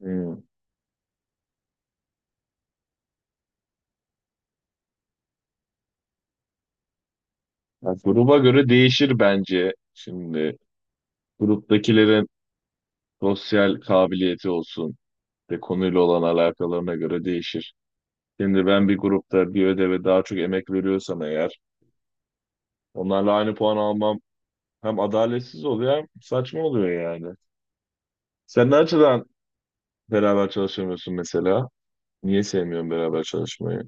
Hmm. Ya gruba göre değişir bence. Şimdi gruptakilerin sosyal kabiliyeti olsun ve konuyla olan alakalarına göre değişir. Şimdi ben bir grupta bir ödeve daha çok emek veriyorsam eğer onlarla aynı puan almam hem adaletsiz oluyor hem saçma oluyor yani. Sen ne açıdan beraber çalışamıyorsun mesela? Niye sevmiyorsun beraber çalışmayı?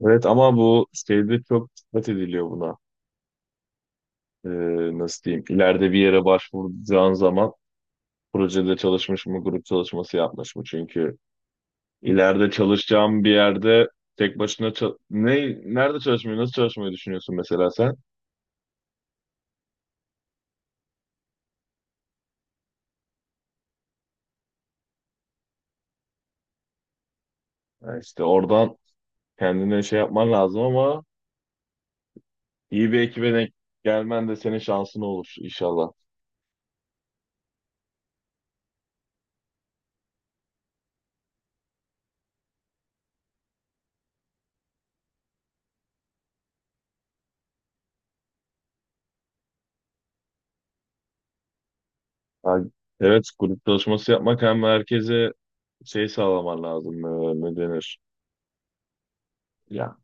Evet ama bu şeyde çok dikkat ediliyor buna. Nasıl diyeyim? İleride bir yere başvuracağın zaman projede çalışmış mı, grup çalışması yapmış mı? Çünkü ileride çalışacağım bir yerde tek başına ne nerede çalışmayı, nasıl çalışmayı düşünüyorsun mesela sen? Ya işte oradan kendine şey yapman lazım ama iyi bir ekibe denk gelmen de senin şansın olur inşallah. Ya evet, grup çalışması yapmak hem herkese şey sağlaman lazım, ne denir? Ya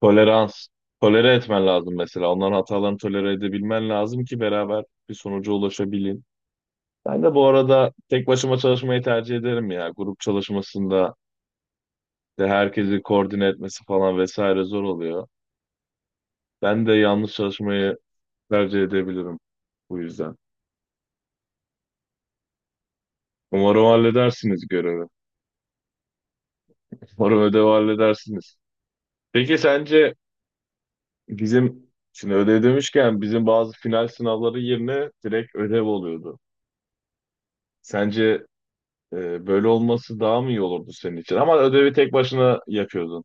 tolerans, tolere etmen lazım mesela. Onların hatalarını tolere edebilmen lazım ki beraber bir sonuca ulaşabilin. Ben de bu arada tek başıma çalışmayı tercih ederim ya. Grup çalışmasında de herkesi koordine etmesi falan vesaire zor oluyor. Ben de yalnız çalışmayı tercih edebilirim bu yüzden. Umarım halledersiniz görevi. Umarım ödevi halledersiniz. Peki sence bizim şimdi ödev demişken bizim bazı final sınavları yerine direkt ödev oluyordu. Sence böyle olması daha mı iyi olurdu senin için? Ama ödevi tek başına yapıyordun.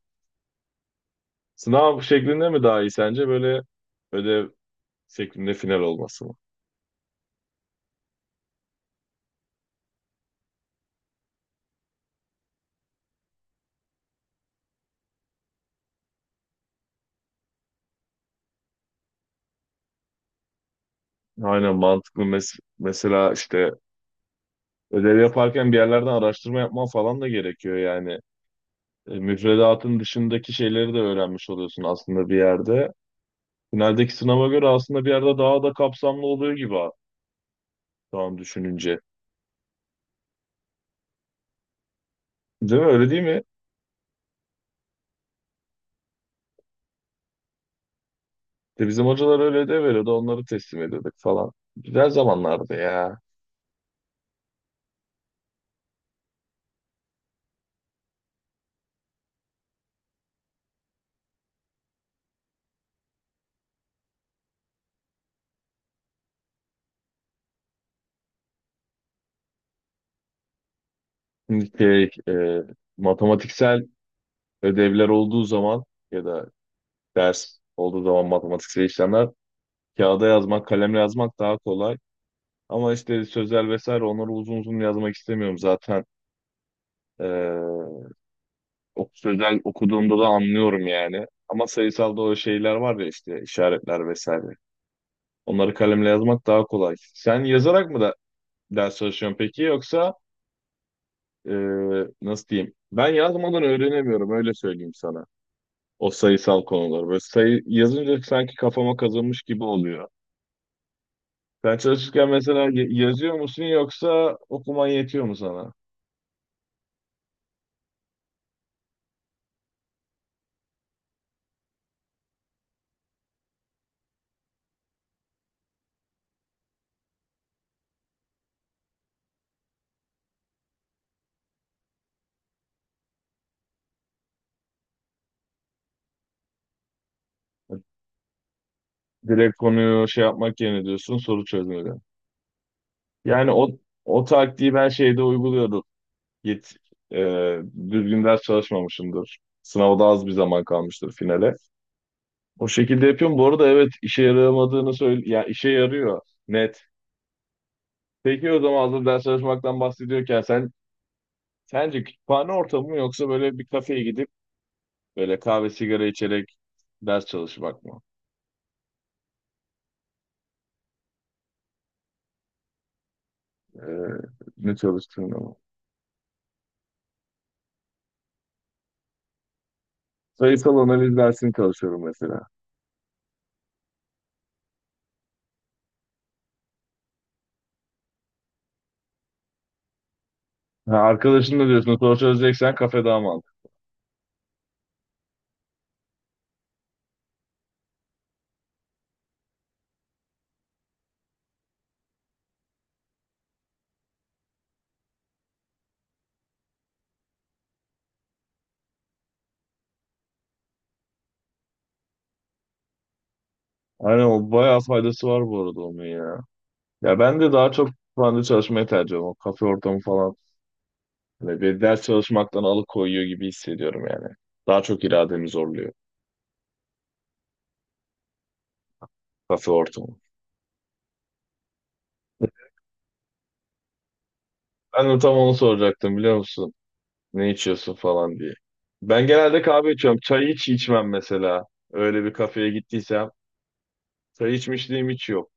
Sınav şeklinde mi daha iyi sence böyle ödev şeklinde final olması mı? Aynen mantıklı. Mesela işte ödev yaparken bir yerlerden araştırma yapman falan da gerekiyor yani. Müfredatın dışındaki şeyleri de öğrenmiş oluyorsun aslında bir yerde. Finaldeki sınava göre aslında bir yerde daha da kapsamlı oluyor gibi ha, şu an düşününce. Değil mi? Öyle değil mi? De bizim hocalar öyle de veriyordu. Onları teslim ediyorduk falan. Güzel zamanlardı ya. Şimdi şey, e, matematiksel ödevler olduğu zaman ya da ders olduğu zaman matematiksel işlemler, kağıda yazmak, kalemle yazmak daha kolay. Ama işte sözel vesaire onları uzun uzun yazmak istemiyorum zaten. Ee, O sözel okuduğumda da anlıyorum yani. Ama sayısalda o şeyler var ya işte işaretler vesaire. Onları kalemle yazmak daha kolay. Sen yazarak mı da ders çalışıyorsun peki yoksa ee, nasıl diyeyim? Ben yazmadan öğrenemiyorum öyle söyleyeyim sana. O sayısal konuları. Böyle sayı yazınca sanki kafama kazınmış gibi oluyor. Sen çalışırken mesela yazıyor musun yoksa okuman yetiyor mu sana? Direkt konuyu şey yapmak yerine diyorsun soru çözmeli. Yani o taktiği ben şeyde uyguluyorum. Git e, Düzgün ders çalışmamışımdır. Sınavda az bir zaman kalmıştır finale. O şekilde yapıyorum. Bu arada evet işe yaramadığını söyle ya yani işe yarıyor net. Peki o zaman hazır ders çalışmaktan bahsediyorken sen sence kütüphane ortamı mı yoksa böyle bir kafeye gidip böyle kahve sigara içerek ders çalışmak mı? E, Ne çalıştığını mı? Sayısal analiz dersini çalışıyorum mesela. Ha, arkadaşın da diyorsun soru çözeceksen kafe daha mantıklı. Aynen o bayağı faydası var bu arada onun ya. Ya ben de daha çok kütüphanede çalışmayı tercih ediyorum. O kafe ortamı falan. Hani bir ders çalışmaktan alıkoyuyor gibi hissediyorum yani. Daha çok irademi zorluyor kafe ortamı. Ben de tam onu soracaktım biliyor musun? Ne içiyorsun falan diye. Ben genelde kahve içiyorum. Çay hiç içmem mesela. Öyle bir kafeye gittiysem. Çay içmişliğim hiç yok.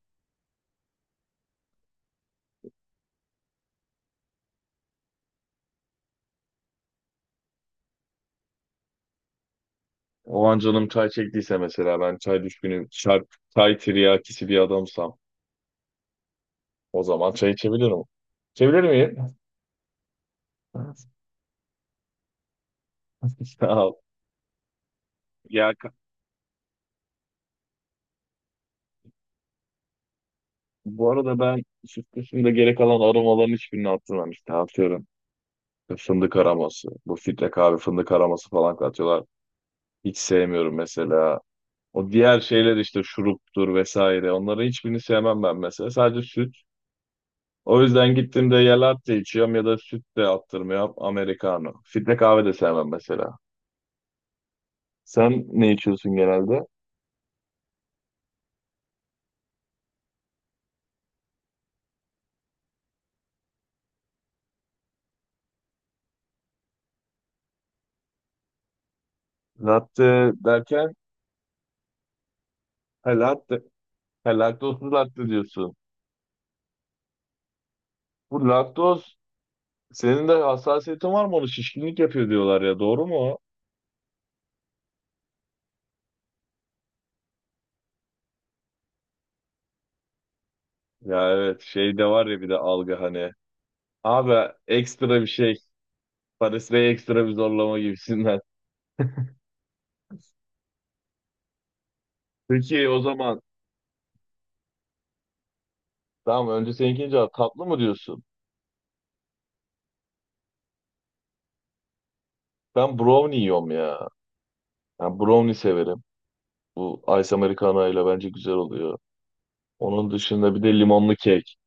O an canım çay çektiyse mesela ben çay düşkünüm. Çay, çay tiryakisi bir adamsam. O zaman çay içebilirim. İçebilir miyim? Sağ ol. Ya ka- Bu arada ben süt dışında gerek alan aromaların hiçbirini atmam işte atıyorum. İşte fındık aroması. Bu filtre kahve fındık aroması falan katıyorlar. Hiç sevmiyorum mesela. O diğer şeyler işte şuruptur vesaire. Onların hiçbirini sevmem ben mesela. Sadece süt. O yüzden gittiğimde ya latte içiyorum ya da süt de attırmıyorum. Americano. Filtre kahve de sevmem mesela. Sen ne içiyorsun genelde? Latte derken ha, latte, ha, laktozsuz latte diyorsun. Bu laktoz senin de hassasiyetin var mı, onu şişkinlik yapıyor diyorlar ya, doğru mu o? Ya evet şey de var ya bir de algı hani. Abi ekstra bir şey. Paris'e ekstra bir zorlama gibisinden. Peki o zaman tamam önce seninkini cevap, tatlı mı diyorsun? Ben brownie yiyorum ya. Ben brownie severim. Bu ice americano ile bence güzel oluyor. Onun dışında bir de limonlu kek.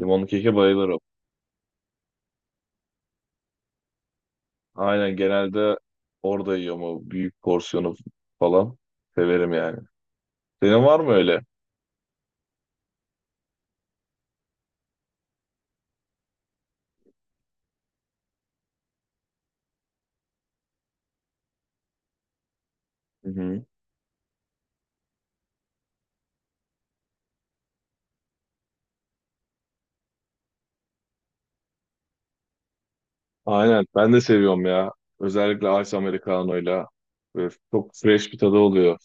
Limonlu keke bayılırım. Aynen, genelde orada yiyorum o büyük porsiyonu falan. Severim yani. Senin var mı öyle? Hı hı. Aynen ben de seviyorum ya. Özellikle ice americano'yla. Böyle çok fresh bir tadı oluyor.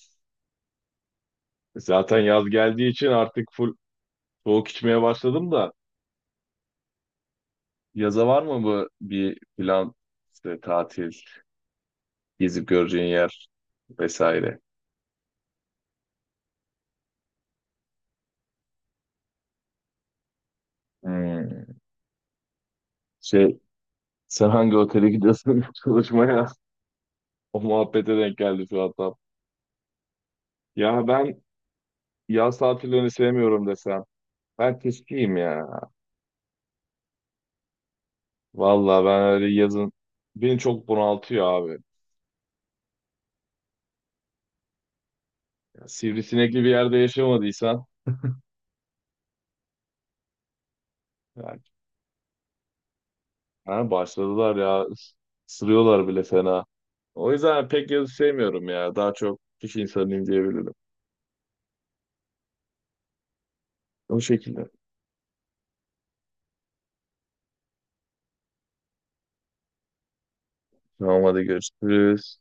Zaten yaz geldiği için artık full soğuk içmeye başladım da. Yaza var mı bu bir plan, işte tatil, gezip göreceğin yer vesaire? Hmm. Şey, sen hangi otele gidiyorsun çalışmaya? O muhabbete denk geldi şu an tam. Ya ben, yaz tatillerini sevmiyorum desem. Ben tiskiyim ya. Vallahi ben öyle yazın beni çok bunaltıyor abi. Ya, sivrisinekli bir yerde yaşamadıysan yani, ha, başladılar ya, ısırıyorlar bile fena. O yüzden pek yazı sevmiyorum ya. Daha çok kış insanıyım diyebilirim. O şekilde. Tamam hadi görüşürüz.